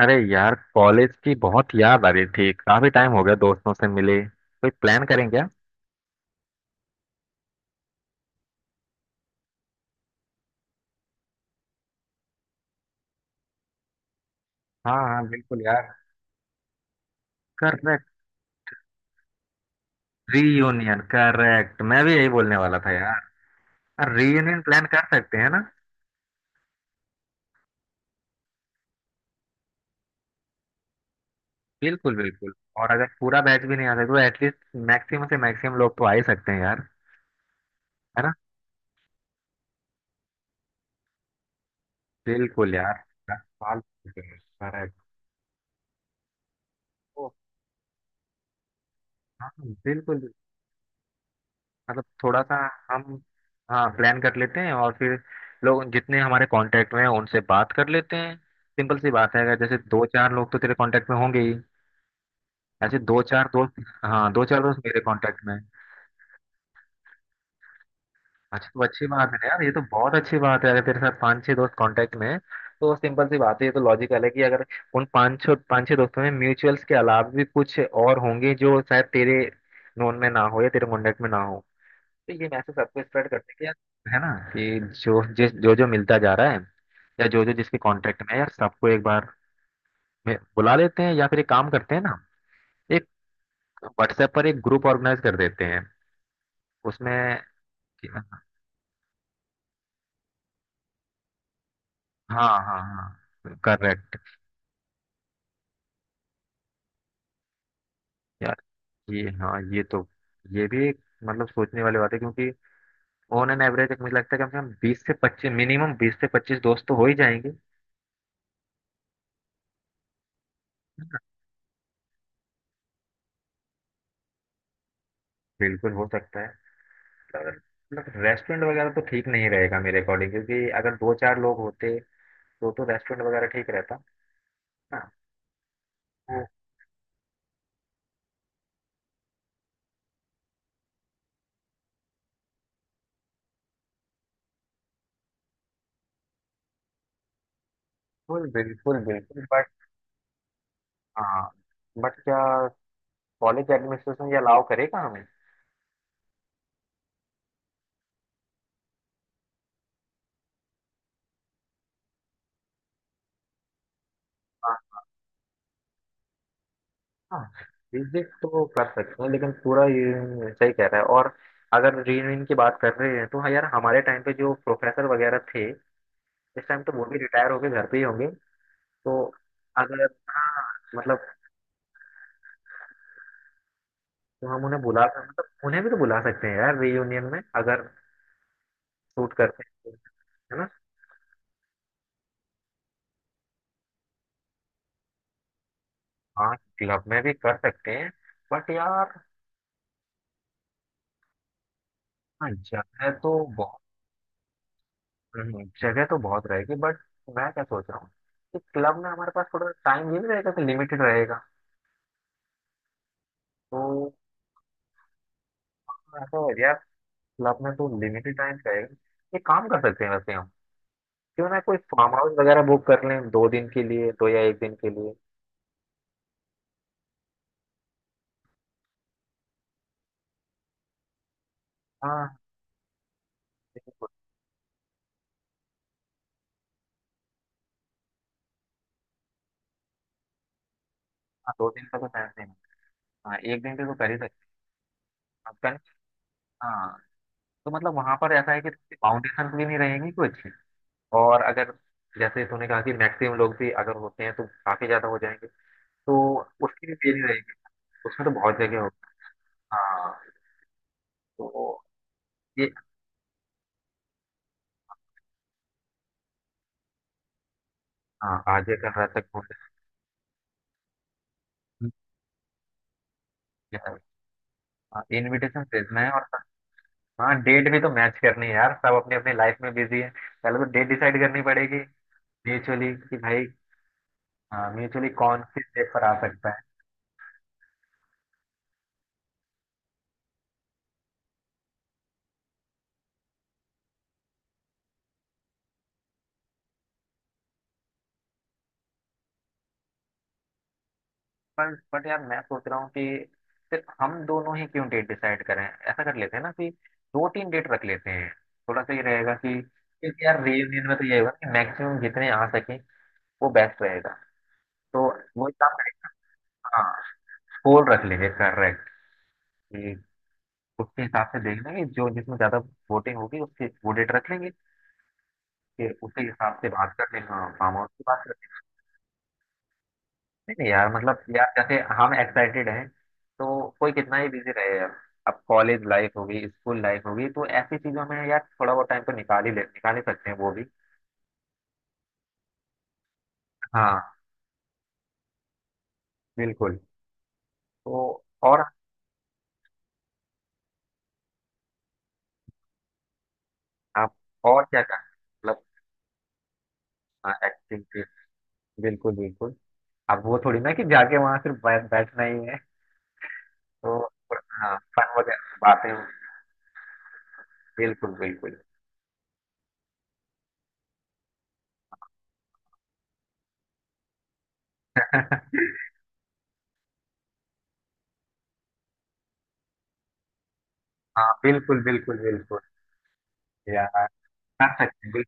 अरे यार, कॉलेज की बहुत याद आ रही थी। काफी टाइम हो गया दोस्तों से मिले, कोई प्लान करें क्या? हाँ, हाँ, बिल्कुल यार। करेक्ट। Reunion, correct. मैं भी यही बोलने वाला था यार। रीयूनियन प्लान कर सकते हैं ना। बिल्कुल बिल्कुल। और अगर पूरा बैच भी नहीं आ सकता तो एटलीस्ट मैक्सिमम से मैक्सिमम लोग तो आ ही सकते हैं यार। है ना। बिल्कुल यार। 10 साल हो गए, correct। हाँ, बिल्कुल। मतलब थोड़ा सा हम, हाँ, प्लान कर लेते हैं और फिर लोग जितने हमारे कांटेक्ट में हैं उनसे बात कर लेते हैं। सिंपल सी बात है, अगर जैसे दो चार लोग तो तेरे कांटेक्ट में होंगे ही। ऐसे दो चार दोस्त हाँ, दो चार दोस्त मेरे कांटेक्ट में हैं। अच्छा, तो अच्छी बात है ना यार, ये तो बहुत अच्छी बात है अगर तेरे साथ पांच छह दोस्त कांटेक्ट में हैं। तो सिंपल सी बात है, ये तो लॉजिकल है कि अगर उन पांच छह दोस्तों में म्यूचुअल्स के अलावा भी कुछ और होंगे जो शायद तेरे नोन में ना हो या तेरे कांटेक्ट में ना हो। तो ये मैसेज सबको स्प्रेड करते हैं कि यार, है ना, कि जो जिस जो जो मिलता जा रहा है या जो जो जिसके कॉन्टेक्ट में है यार, सबको एक बार में बुला लेते हैं। या फिर एक काम करते हैं ना, एक व्हाट्सएप पर एक ग्रुप ऑर्गेनाइज कर देते हैं उसमें। हाँ, हाँ, हाँ, करेक्ट। यार, ये हाँ ये तो ये भी एक मतलब सोचने वाली बात है, क्योंकि ऑन एन एवरेज मुझे लगता है कम से कम 20 से 25, मिनिमम 20 से 25 दोस्त तो हो ही जाएंगे। बिल्कुल हो सकता है। मतलब रेस्टोरेंट वगैरह तो ठीक नहीं रहेगा मेरे अकॉर्डिंग, क्योंकि अगर दो चार लोग होते तो रेस्टोरेंट वगैरह ठीक रहता ना। बिल्कुल बिल्कुल बिल्कुल, बट हाँ, बट क्या कॉलेज एडमिनिस्ट्रेशन ये अलाउ करेगा हमें? हाँ, हाँ, रिजेक्ट तो कर सकते हैं लेकिन पूरा ये सही कह रहा है। और अगर रीयूनियन की बात कर रहे हैं तो हाँ यार, हमारे टाइम पे जो प्रोफेसर वगैरह थे, इस टाइम तो वो भी रिटायर होके घर पे ही होंगे। तो अगर, हाँ, मतलब तो हम उन्हें भी तो बुला सकते हैं यार रीयूनियन में, अगर शूट करते हैं तो। है ना। हाँ, क्लब में भी कर सकते हैं बट यार, हाँ, जगह तो बहुत। जगह तो बहुत रहेगी, बट मैं क्या सोच रहा हूँ कि क्लब में हमारे पास थोड़ा टाइम भी नहीं रहेगा, कि लिमिटेड रहेगा। तो ऐसा यार, क्लब में तो लिमिटेड टाइम रहेगा। एक काम कर सकते हैं वैसे हम, क्यों ना कोई फार्म हाउस वगैरह बुक कर लें 2 दिन के लिए, दो या एक दिन के लिए। हाँ बिल्कुल। हाँ, दो दिन का तो टाइम नहीं है। हाँ, एक दिन का तो कर ही सकते हैं। हाँ, तो मतलब वहां पर ऐसा है कि फाउंडेशन भी नहीं रहेगी कुछ। और अगर जैसे तूने कहा कि मैक्सिमम लोग भी अगर होते हैं तो काफी ज्यादा हो जाएंगे, तो उसकी भी देरी रहेगी, उसमें तो बहुत जगह होगी। हाँ, तो ये हाँ, आज ये कर रहा था घूमने। हाँ, इनविटेशन भेजना है और हाँ, डेट भी तो मैच करनी है यार, सब अपने अपने लाइफ में बिजी है। पहले तो डेट डिसाइड करनी पड़ेगी म्यूचुअली, कि भाई हाँ, म्यूचुअली कौन किस डेट पर आ सकता है। पर बट यार, मैं सोच रहा हूँ कि सिर्फ हम दोनों ही क्यों डेट डिसाइड करें, ऐसा कर लेते हैं ना कि दो तीन डेट रख लेते हैं। थोड़ा सा ये रहेगा कि, क्योंकि यार रियूनियन में तो ये होगा कि मैक्सिमम जितने आ सके वो बेस्ट रहेगा। तो वो एक काम करेंगे हाँ, पोल रख लेंगे, करेक्ट, कि उसके हिसाब से देख लेंगे जो जिसमें ज्यादा वोटिंग होगी, उसके वो डेट रख लेंगे। फिर उसी हिसाब से बात कर लेंगे, हाँ, फार्म हाउस की बात। नहीं, नहीं, यार मतलब यार जैसे हम एक्साइटेड हैं तो कोई कितना ही बिजी रहे यार, अब कॉलेज लाइफ होगी, स्कूल लाइफ होगी, तो ऐसी चीजों में यार थोड़ा बहुत टाइम तो निकाल ही सकते हैं वो भी। हाँ, बिल्कुल। तो और आप, और क्या करें मतलब एक्टिविटी, बिल्कुल बिल्कुल। अब वो थोड़ी ना कि जाके वहां सिर्फ बैठना ही है। तो हाँ, फन वगैरह बातें, बिल्कुल बिल्कुल। हाँ, बिल्कुल बिल्कुल बिल्कुल यार, कर सकते हैं,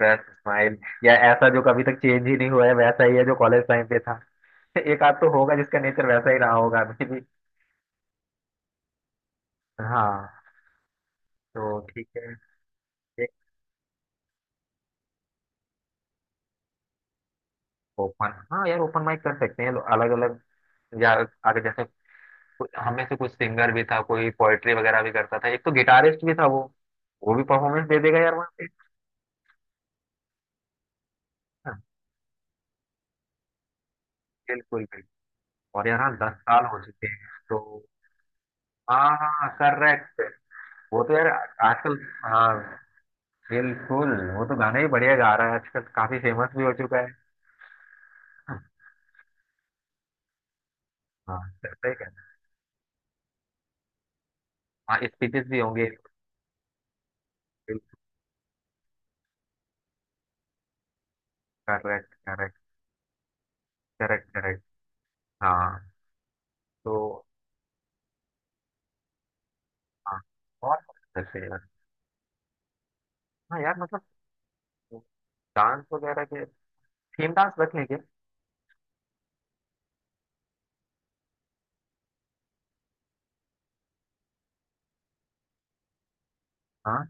बस स्माइल या ऐसा जो कभी तक चेंज ही नहीं हुआ है, वैसा ही है जो कॉलेज टाइम पे था। एक आध तो होगा जिसका नेचर वैसा ही रहा होगा अभी भी। हाँ, तो ठीक है एक, ओपन हाँ यार, ओपन माइक कर सकते हैं अलग अलग। या आगे जैसे हम में से कुछ सिंगर भी था, कोई पोएट्री वगैरह भी करता था, एक तो गिटारिस्ट भी था, वो भी परफॉर्मेंस दे देगा यार वहाँ पे। हाँ, बिल्कुल बिल्कुल। और यार, हाँ, 10 साल हो चुके हैं। तो हाँ, हाँ, करेक्ट। वो तो यार आजकल, हाँ, बिल्कुल। वो तो गाना ही बढ़िया गा रहा है आजकल, काफी फेमस भी हो चुका है। हाँ, सही कहना। हाँ, स्पीचेस भी होंगे। Correct, correct, correct, correct. हाँ, तो हाँ, और जैसे हाँ यार मतलब डांस वगैरह के थीम डांस रख लेंगे। हाँ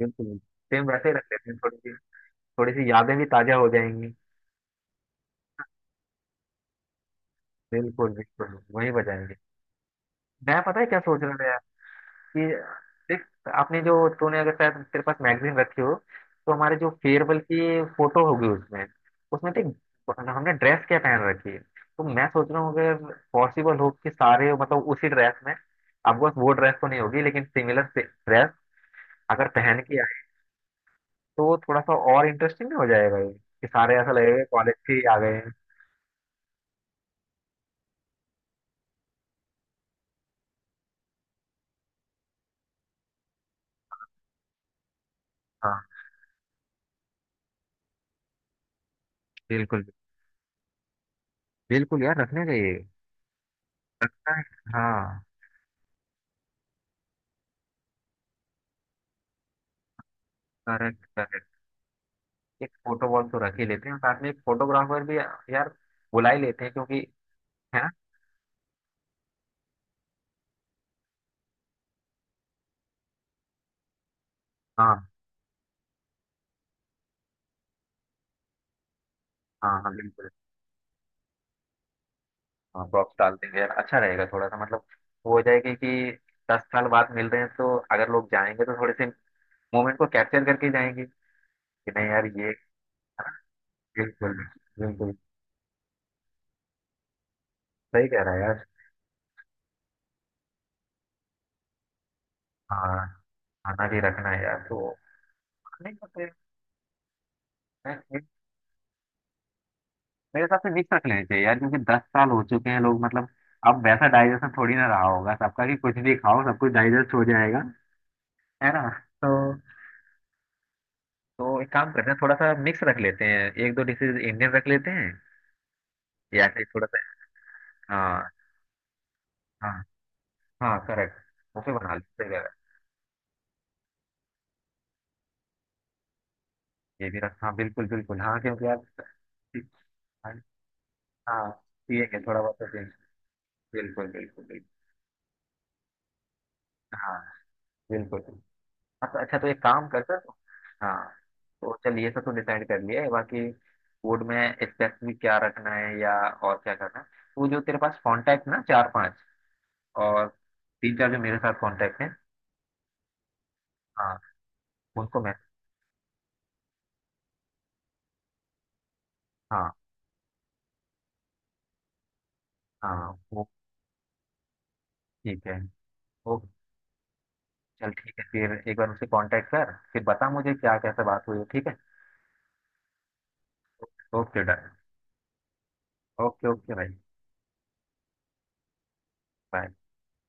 बिल्कुल, सेम वैसे ही रख लेते हैं थोड़ी सी, थोड़ी सी यादें भी ताजा हो जाएंगी। बिल्कुल बिल्कुल वही बजाएंगे। मैं पता है क्या सोच रहा था कि, देख आपने जो तूने, अगर शायद तेरे पास मैगजीन रखी हो, तो हमारे जो फेयरवेल की फोटो होगी उसमें उसमें देख हमने ड्रेस क्या पहन रखी है। तो मैं सोच रहा हूँ अगर पॉसिबल हो कि सारे मतलब उसी ड्रेस में, अब बस वो ड्रेस तो नहीं होगी लेकिन सिमिलर ड्रेस अगर पहन के आए तो थोड़ा सा और इंटरेस्टिंग भी हो जाएगा ये कि सारे ऐसा लगेगा कॉलेज से ही आ गए हैं। हाँ, बिल्कुल बिल्कुल यार, रखने चाहिए। हाँ, करेक्ट। एक फोटो वॉल तो रख ही लेते हैं, साथ में एक फोटोग्राफर भी यार बुला ही लेते हैं क्योंकि है ना। हाँ, हाँ, हाँ, बिल्कुल। हाँ, प्रॉप्स डाल देंगे यार, अच्छा रहेगा थोड़ा सा मतलब। वो हो जाएगा कि 10 साल बाद मिल रहे हैं तो अगर लोग जाएंगे तो थोड़े से मोमेंट को कैप्चर करके जाएंगे कि नहीं यार ये, बिल्कुल बिल्कुल। सही कह रहा है यार। हाँ, खाना भी रखना है यार तो, नहीं तो फिर मैं- मैं- मेरे हिसाब से मिक्स रख लेना चाहिए यार क्योंकि दस साल हो चुके हैं, लोग मतलब अब वैसा डाइजेशन थोड़ी ना रहा होगा सबका कि कुछ भी खाओ सब कुछ डाइजेस्ट हो जाएगा। है ना। तो तो एक काम करते हैं, थोड़ा सा मिक्स रख लेते हैं, एक दो डिशेज इंडियन रख लेते हैं या फिर थोड़ा सा। हाँ, हाँ, हाँ, करेक्ट, बुफे बना लेते हैं। ये भी रख, हाँ, बिल्कुल बिल्कुल, हाँ, क्योंकि यार हाँ ठीक है थोड़ा बहुत तो बिल्कुल बिल्कुल बिल्कुल, हाँ, बिल्कुल बिल्कुल। अच्छा, अच्छा, तो एक काम करते हैं, हाँ, तो चल ये सब तो डिसाइड कर लिया है, बाकी फूड में स्पेसिफिक क्या रखना है या और क्या करना है। वो जो तेरे पास कांटेक्ट ना चार पांच और तीन चार जो मेरे साथ कांटेक्ट है, हाँ, उनको मैं, हाँ, हाँ, वो ठीक है। ओ, चल ठीक है फिर एक बार उससे कांटेक्ट कर फिर बता मुझे क्या कैसे बात हुई है, ठीक है, ओके डन, ओके ओके भाई, बाय।